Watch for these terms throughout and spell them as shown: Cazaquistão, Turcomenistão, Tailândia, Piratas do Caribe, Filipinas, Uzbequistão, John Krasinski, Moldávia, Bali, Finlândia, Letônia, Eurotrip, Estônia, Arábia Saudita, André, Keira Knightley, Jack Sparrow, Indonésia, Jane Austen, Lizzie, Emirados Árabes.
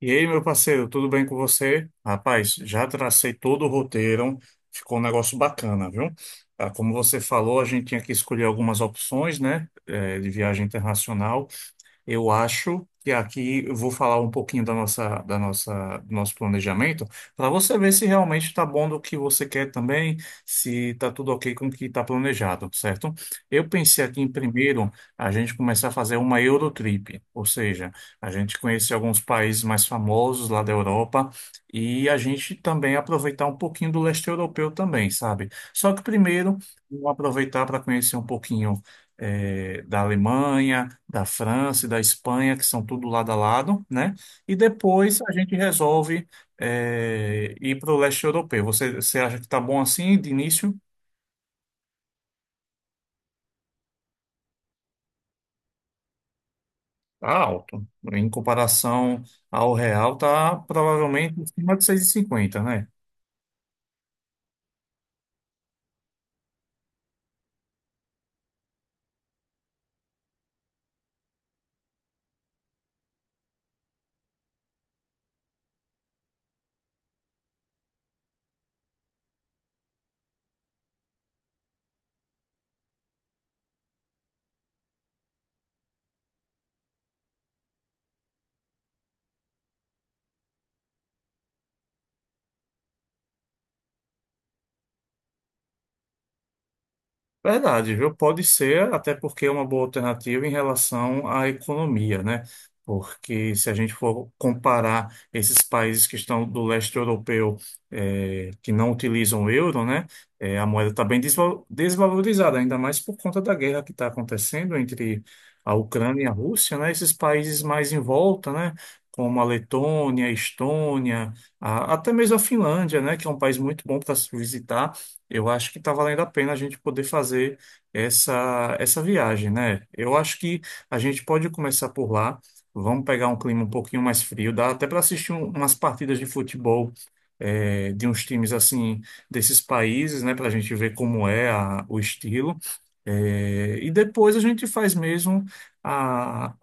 E aí, meu parceiro, tudo bem com você? Rapaz, já tracei todo o roteiro, ficou um negócio bacana, viu? Ah, como você falou, a gente tinha que escolher algumas opções, né, de viagem internacional. Eu acho que aqui eu vou falar um pouquinho da nossa, do nosso planejamento, para você ver se realmente está bom do que você quer também, se está tudo ok com o que está planejado, certo? Eu pensei aqui em primeiro a gente começar a fazer uma Eurotrip, ou seja, a gente conhecer alguns países mais famosos lá da Europa e a gente também aproveitar um pouquinho do leste europeu também, sabe? Só que primeiro, vamos aproveitar para conhecer um pouquinho da Alemanha, da França e da Espanha, que são tudo lado a lado, né? E depois a gente resolve ir para o leste europeu. Você acha que está bom assim de início? Tá alto. Em comparação ao real, tá provavelmente em cima de 6,50, né? Verdade, viu? Pode ser, até porque é uma boa alternativa em relação à economia, né? Porque se a gente for comparar esses países que estão do leste europeu, que não utilizam o euro, né? A moeda está bem desvalorizada, ainda mais por conta da guerra que está acontecendo entre a Ucrânia e a Rússia, né? Esses países mais em volta, né? Como a Letônia, a Estônia, até mesmo a Finlândia, né? Que é um país muito bom para se visitar. Eu acho que está valendo a pena a gente poder fazer essa viagem, né? Eu acho que a gente pode começar por lá. Vamos pegar um clima um pouquinho mais frio, dá até para assistir umas partidas de futebol de uns times assim desses países, né? Para a gente ver como é o estilo. E depois a gente faz mesmo a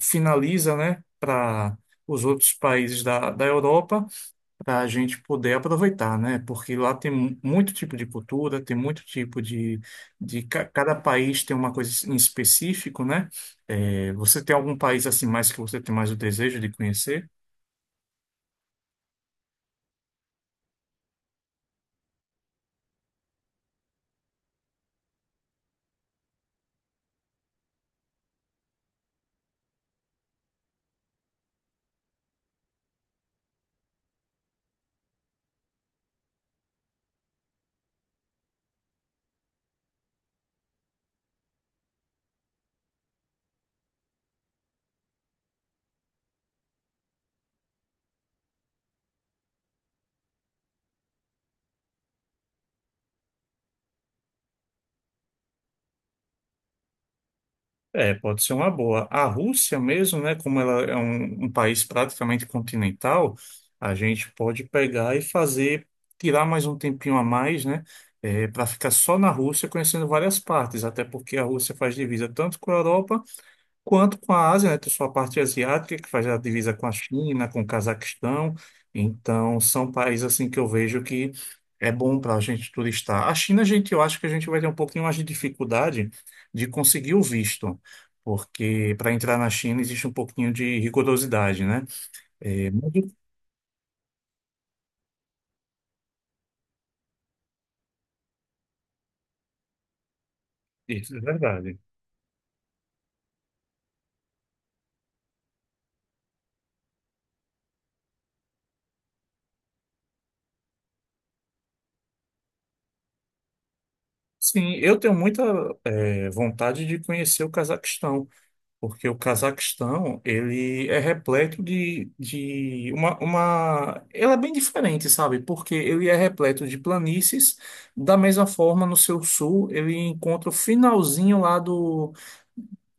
finaliza, né? Para os outros países da Europa para a gente poder aproveitar, né? Porque lá tem muito tipo de cultura, tem muito tipo cada país tem uma coisa em específico, né? É, você tem algum país assim mais que você tem mais o desejo de conhecer? É, pode ser uma boa. A Rússia mesmo, né? Como ela é um país praticamente continental, a gente pode pegar e fazer, tirar mais um tempinho a mais, né? Para ficar só na Rússia, conhecendo várias partes, até porque a Rússia faz divisa tanto com a Europa quanto com a Ásia, né? Tem sua parte asiática, que faz a divisa com a China, com o Cazaquistão. Então, são países assim que eu vejo que é bom para a gente turistar. A China, gente, eu acho que a gente vai ter um pouquinho mais de dificuldade de conseguir o visto. Porque para entrar na China existe um pouquinho de rigorosidade, né? É, mas isso é verdade. Sim, eu tenho muita vontade de conhecer o Cazaquistão. Porque o Cazaquistão, ele é repleto. Ele é bem diferente, sabe? Porque ele é repleto de planícies. Da mesma forma, no seu sul, ele encontra o finalzinho lá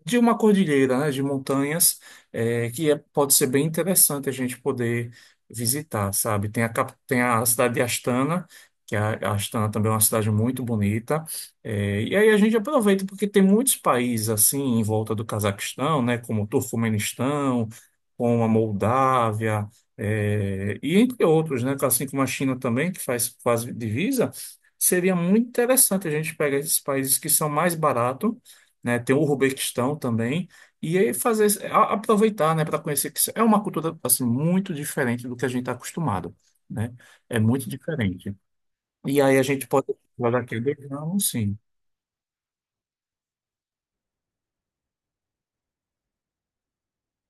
de uma cordilheira, né, de montanhas, pode ser bem interessante a gente poder visitar, sabe? Tem a cidade de Astana, que é a Astana também é uma cidade muito bonita, e aí a gente aproveita porque tem muitos países assim em volta do Cazaquistão, né, como o Turcomenistão, como a Moldávia, e entre outros, né, assim como a China também, que faz quase divisa, seria muito interessante a gente pegar esses países que são mais baratos né? Tem o Uzbequistão também. E aí fazer, aproveitar, né, para conhecer que isso é uma cultura assim muito diferente do que a gente está acostumado, né? É muito diferente. E aí a gente pode explorar aquele ramo, sim.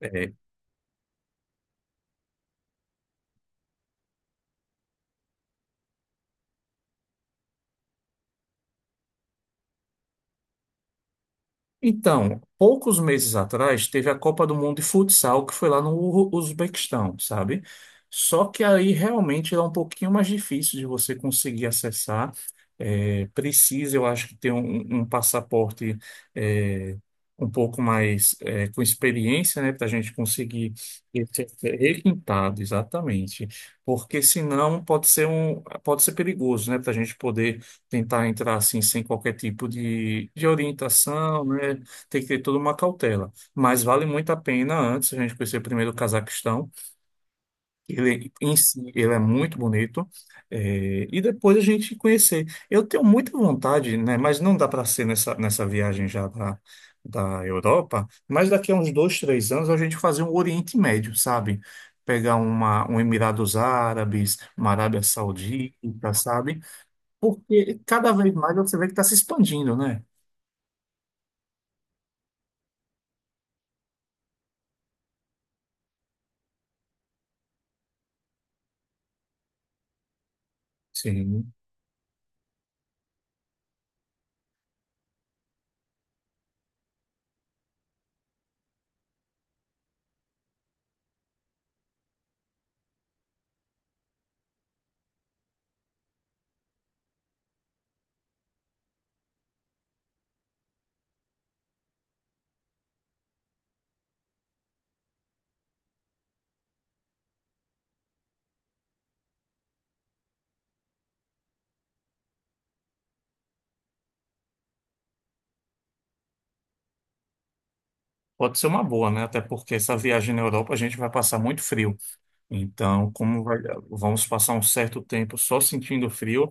é, Então, poucos meses atrás, teve a Copa do Mundo de Futsal, que foi lá no Uzbequistão, sabe? Só que aí realmente é um pouquinho mais difícil de você conseguir acessar. É, precisa, eu acho, que ter um passaporte é, um pouco mais com experiência, né? Para a gente conseguir requintado, exatamente. Porque senão pode ser perigoso, né? Para a gente poder tentar entrar assim sem qualquer tipo de orientação, né? Tem que ter toda uma cautela. Mas vale muito a pena antes a gente conhecer primeiro o Cazaquistão. Ele em si, ele é muito bonito. É, e depois a gente conhecer. Eu tenho muita vontade, né? Mas não dá para ser nessa viagem já da Europa. Mas daqui a uns 2, 3 anos a gente fazer um Oriente Médio, sabe? Pegar um Emirados Árabes, uma Arábia Saudita, sabe? Porque cada vez mais você vê que está se expandindo, né? Sim. Pode ser uma boa, né? Até porque essa viagem na Europa a gente vai passar muito frio. Então, vamos passar um certo tempo só sentindo frio,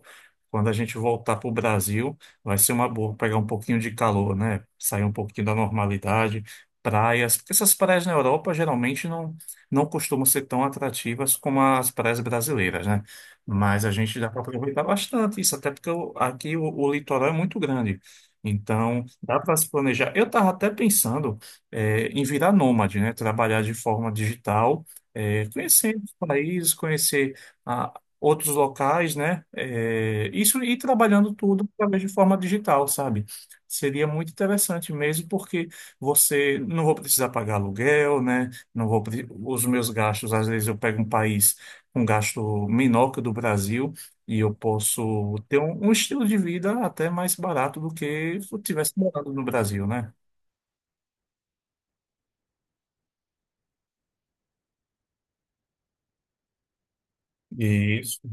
quando a gente voltar para o Brasil, vai ser uma boa pegar um pouquinho de calor, né? Sair um pouquinho da normalidade, praias, porque essas praias na Europa geralmente não costumam ser tão atrativas como as praias brasileiras, né? Mas a gente dá para aproveitar bastante isso, até porque aqui o litoral é muito grande. Então, dá para se planejar. Eu estava até pensando, em virar nômade, né? Trabalhar de forma digital conhecer os países, conhecer ah, outros locais, né? É, isso e trabalhando tudo através de forma digital, sabe? Seria muito interessante mesmo, porque você não vou precisar pagar aluguel, né? Não vou, pre- Os meus gastos, às vezes eu pego um país com um gasto menor que o do Brasil e eu posso ter um estilo de vida até mais barato do que se eu tivesse morado no Brasil, né? Isso.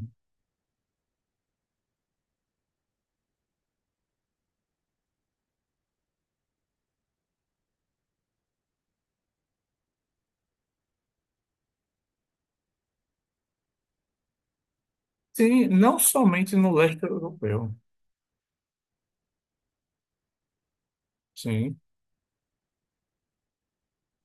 Sim, não somente no leste europeu. Sim.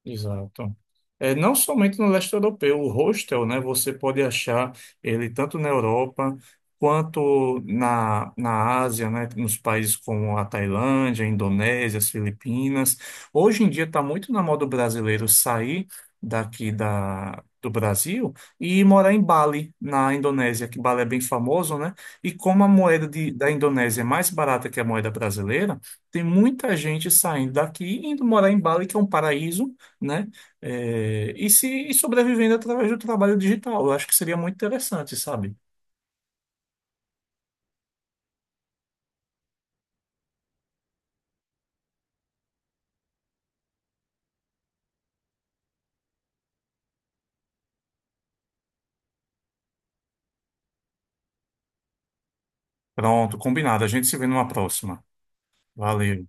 Exato. É, não somente no leste europeu, o hostel, né, você pode achar ele tanto na Europa quanto na Ásia, né, nos países como a Tailândia, a Indonésia, as Filipinas. Hoje em dia está muito na moda o brasileiro sair daqui do Brasil e morar em Bali, na Indonésia, que Bali é bem famoso, né? E como a moeda da Indonésia é mais barata que a moeda brasileira, tem muita gente saindo daqui e indo morar em Bali, que é um paraíso né? É, e se e sobrevivendo através do trabalho digital. Eu acho que seria muito interessante, sabe? Pronto, combinado. A gente se vê numa próxima. Valeu.